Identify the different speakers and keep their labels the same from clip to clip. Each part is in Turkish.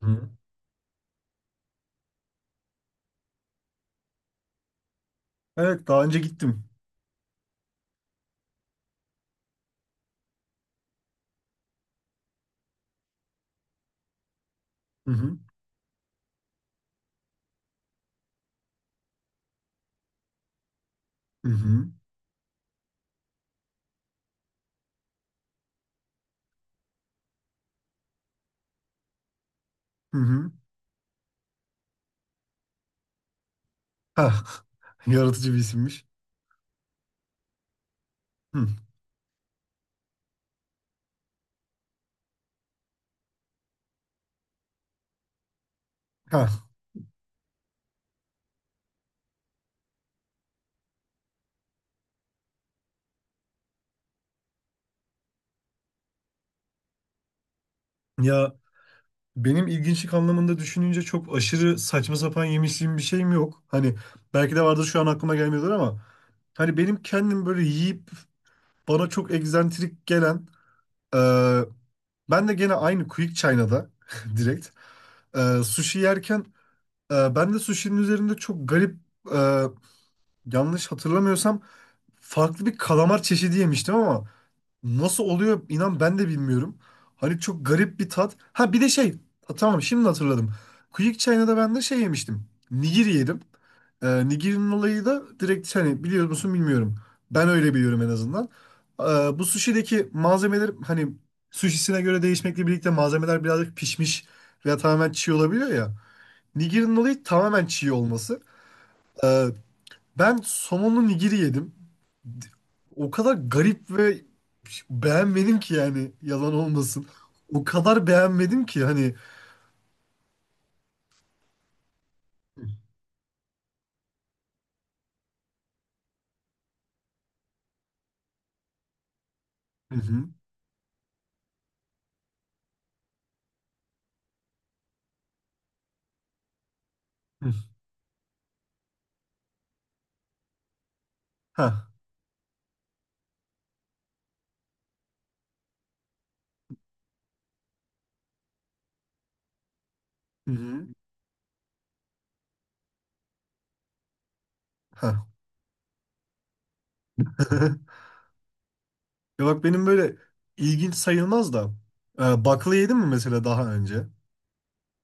Speaker 1: Hı. Evet, daha önce gittim. Hı hı. Hı hı. Hı hı. Hah. Yaratıcı bir isimmiş. Hı. Hah. Ya, benim ilginçlik anlamında düşününce çok aşırı saçma sapan yemişliğim bir şeyim yok. Hani belki de vardır şu an aklıma gelmiyordur ama hani benim kendim böyle yiyip bana çok egzantrik gelen, e, ben de gene aynı Quick China'da direkt, sushi yerken, ben de sushi'nin üzerinde çok garip, yanlış hatırlamıyorsam farklı bir kalamar çeşidi yemiştim ama nasıl oluyor inan ben de bilmiyorum. Hani çok garip bir tat. Ha, bir de şey. Ha, tamam şimdi hatırladım. Quick China'da ben de şey yemiştim. Nigiri yedim. Nigirinin olayı da direkt, hani biliyor musun bilmiyorum. Ben öyle biliyorum en azından. Ee, Bu sushi'deki malzemeler hani sushi'sine göre değişmekle birlikte malzemeler birazcık pişmiş veya tamamen çiğ olabiliyor ya. Nigirinin olayı tamamen çiğ olması. Ee, Ben somonlu nigiri yedim. O kadar garip ve beğenmedim ki, yani yalan olmasın. O kadar beğenmedim ki hani. Hı hı. Hı. Ha. Hı hı. Ha. Ya bak, benim böyle ilginç sayılmaz da, bakla yedim mi mesela daha önce?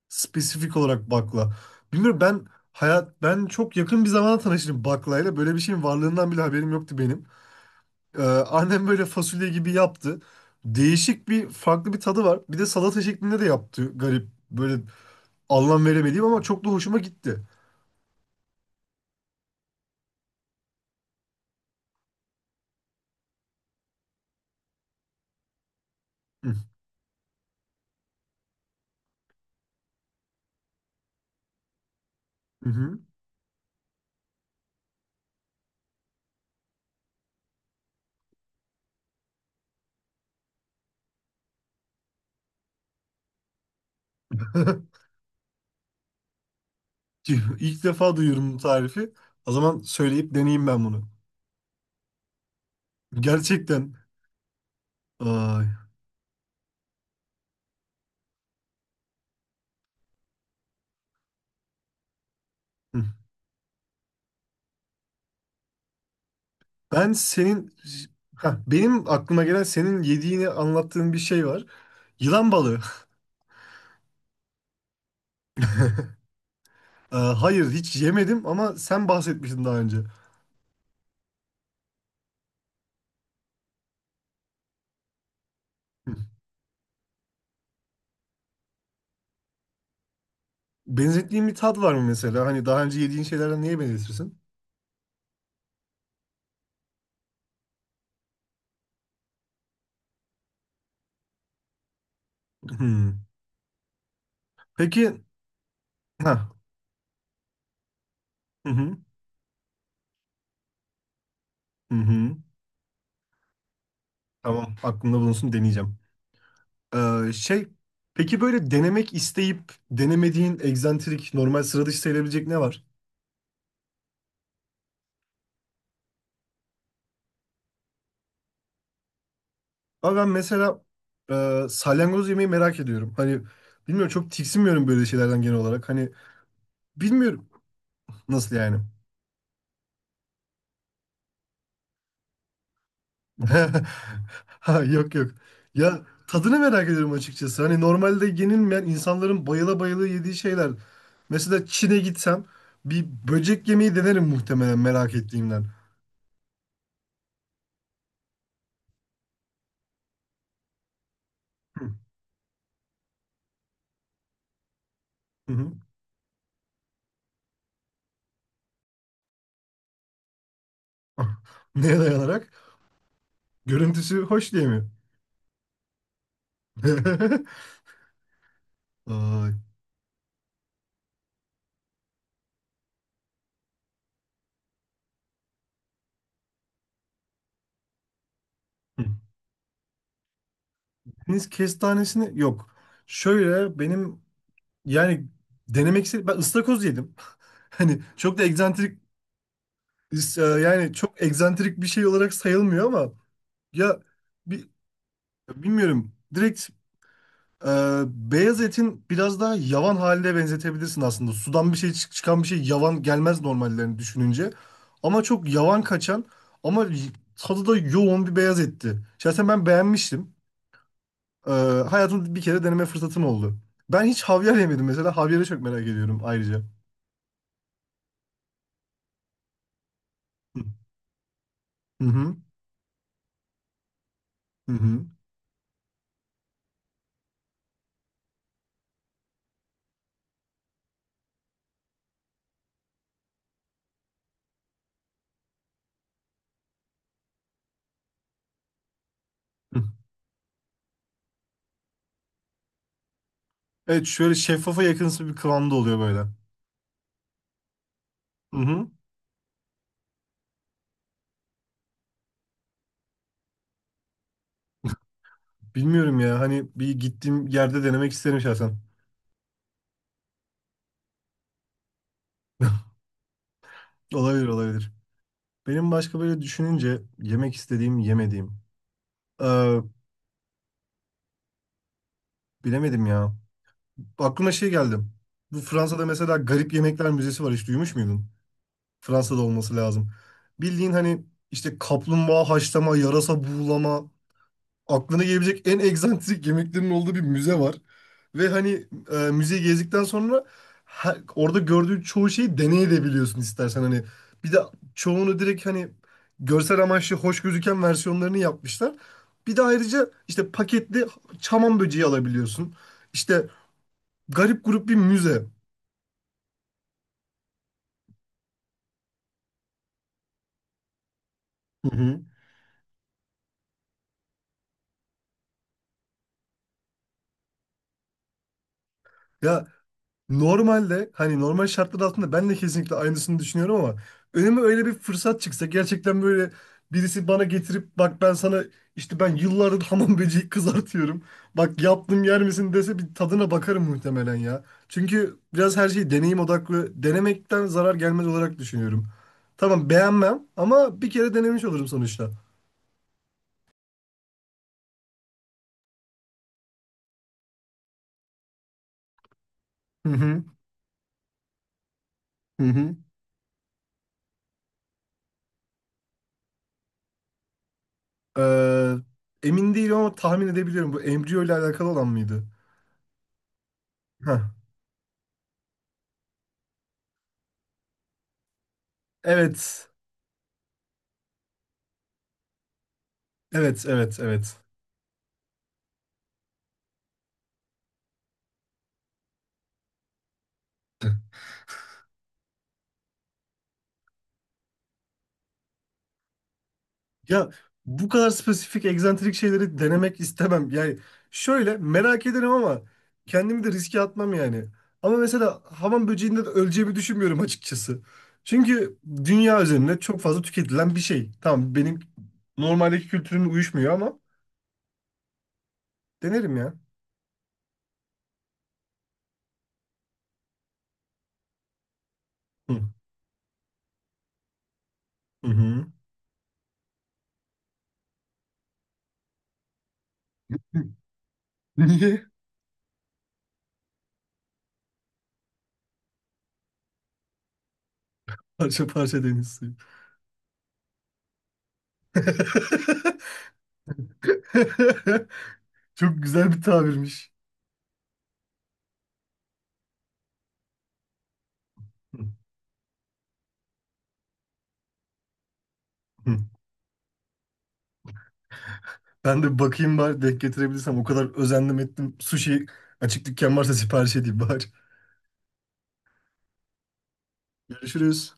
Speaker 1: Spesifik olarak bakla. Bilmiyorum ben, ben çok yakın bir zamana tanıştım baklayla. Böyle bir şeyin varlığından bile haberim yoktu benim. Annem böyle fasulye gibi yaptı. Değişik bir, farklı bir tadı var. Bir de salata şeklinde de yaptı. Garip, böyle anlam veremediğim ama çok da hoşuma gitti. Hı hı. Hı. İlk defa duyuyorum bu tarifi. O zaman söyleyip deneyeyim ben bunu. Gerçekten. Ay. Hı. Ben senin Heh, benim aklıma gelen senin yediğini anlattığın bir şey var. Yılan balığı. Hayır, hiç yemedim ama sen bahsetmiştin daha önce. Hı. Benzettiğin bir tat var mı mesela? Hani daha önce yediğin şeylerden neye benzetirsin? Hı. Peki. Ha. Hı hı. Hı hı. Tamam, aklımda bulunsun, deneyeceğim. Ee, şey peki, böyle denemek isteyip denemediğin egzantrik, normal sıra dışı sayılabilecek ne var? Ama ben mesela, salyangoz yemeği merak ediyorum. Hani bilmiyorum, çok tiksinmiyorum böyle şeylerden genel olarak. Hani bilmiyorum, nasıl yani. Ha, yok yok. Ya, tadını merak ediyorum açıkçası. Hani normalde yenilmeyen, insanların bayıla bayıla yediği şeyler. Mesela Çin'e gitsem bir böcek yemeği denerim muhtemelen, merak ettiğimden. Hı hı. Neye dayanarak? Görüntüsü hoş diye mi? Ay. Deniz kestanesini yok. Şöyle benim, yani denemek istedim. Ben ıstakoz yedim. Hani çok da egzantrik, yani çok egzantrik bir şey olarak sayılmıyor ama ya, bi- bilmiyorum. Direkt beyaz etin biraz daha yavan haline benzetebilirsin aslında. Sudan bir şey çıkan bir şey yavan gelmez normallerini düşününce. Ama çok yavan kaçan ama tadı da yoğun bir beyaz etti. Şahsen ben beğenmiştim. Ee, Hayatımda bir kere deneme fırsatım oldu. Ben hiç havyar yemedim mesela. Havyarı çok merak ediyorum ayrıca. Hı hı hı. Hı hı. Evet, şöyle şeffafa yakınsı bir kıvamda oluyor böyle. Hı hı. Bilmiyorum ya, hani bir gittiğim yerde denemek isterim şahsen. Olabilir, olabilir. Benim başka böyle düşününce yemek istediğim, yemediğim. Ee, Bilemedim ya. Aklıma şey geldi. Bu Fransa'da mesela Garip Yemekler Müzesi var. Hiç duymuş muydun? Fransa'da olması lazım. Bildiğin hani işte kaplumbağa haşlama, yarasa buğulama, aklına gelebilecek en egzantrik yemeklerin olduğu bir müze var. Ve hani, müzeyi gezdikten sonra orada gördüğün çoğu şeyi deneyebiliyorsun istersen hani. Bir de çoğunu direkt hani görsel amaçlı hoş gözüken versiyonlarını yapmışlar. Bir de ayrıca işte paketli çaman böceği alabiliyorsun. İşte garip grup bir müze. Hı hı. Ya, normalde hani normal şartlar altında ben de kesinlikle aynısını düşünüyorum ama önüme öyle bir fırsat çıksa, gerçekten böyle birisi bana getirip, "Bak, ben sana işte ben yıllardır hamam böceği kızartıyorum. Bak yaptım, yer misin?" dese, bir tadına bakarım muhtemelen ya. Çünkü biraz her şeyi deneyim odaklı denemekten zarar gelmez olarak düşünüyorum. Tamam, beğenmem ama bir kere denemiş olurum sonuçta. Hı hı hı hı. Emin değilim ama tahmin edebiliyorum, bu embriyo ile alakalı olan mıydı? Heh. Evet. Evet, evet, evet. Ya, bu kadar spesifik, egzantrik şeyleri denemek istemem. Yani şöyle merak ederim ama kendimi de riske atmam yani. Ama mesela hamam böceğinde de öleceğimi düşünmüyorum açıkçası. Çünkü dünya üzerinde çok fazla tüketilen bir şey. Tamam, benim normaldeki kültürüm uyuşmuyor ama denerim ya. Hı hı. Hı. Niye? Parça parça deniz suyu. Çok güzel bir tabirmiş. Hı. Ben de bakayım bari, denk getirebilirsem. O kadar özendim ettim. Sushi açık dükkan varsa sipariş edeyim bari. Görüşürüz.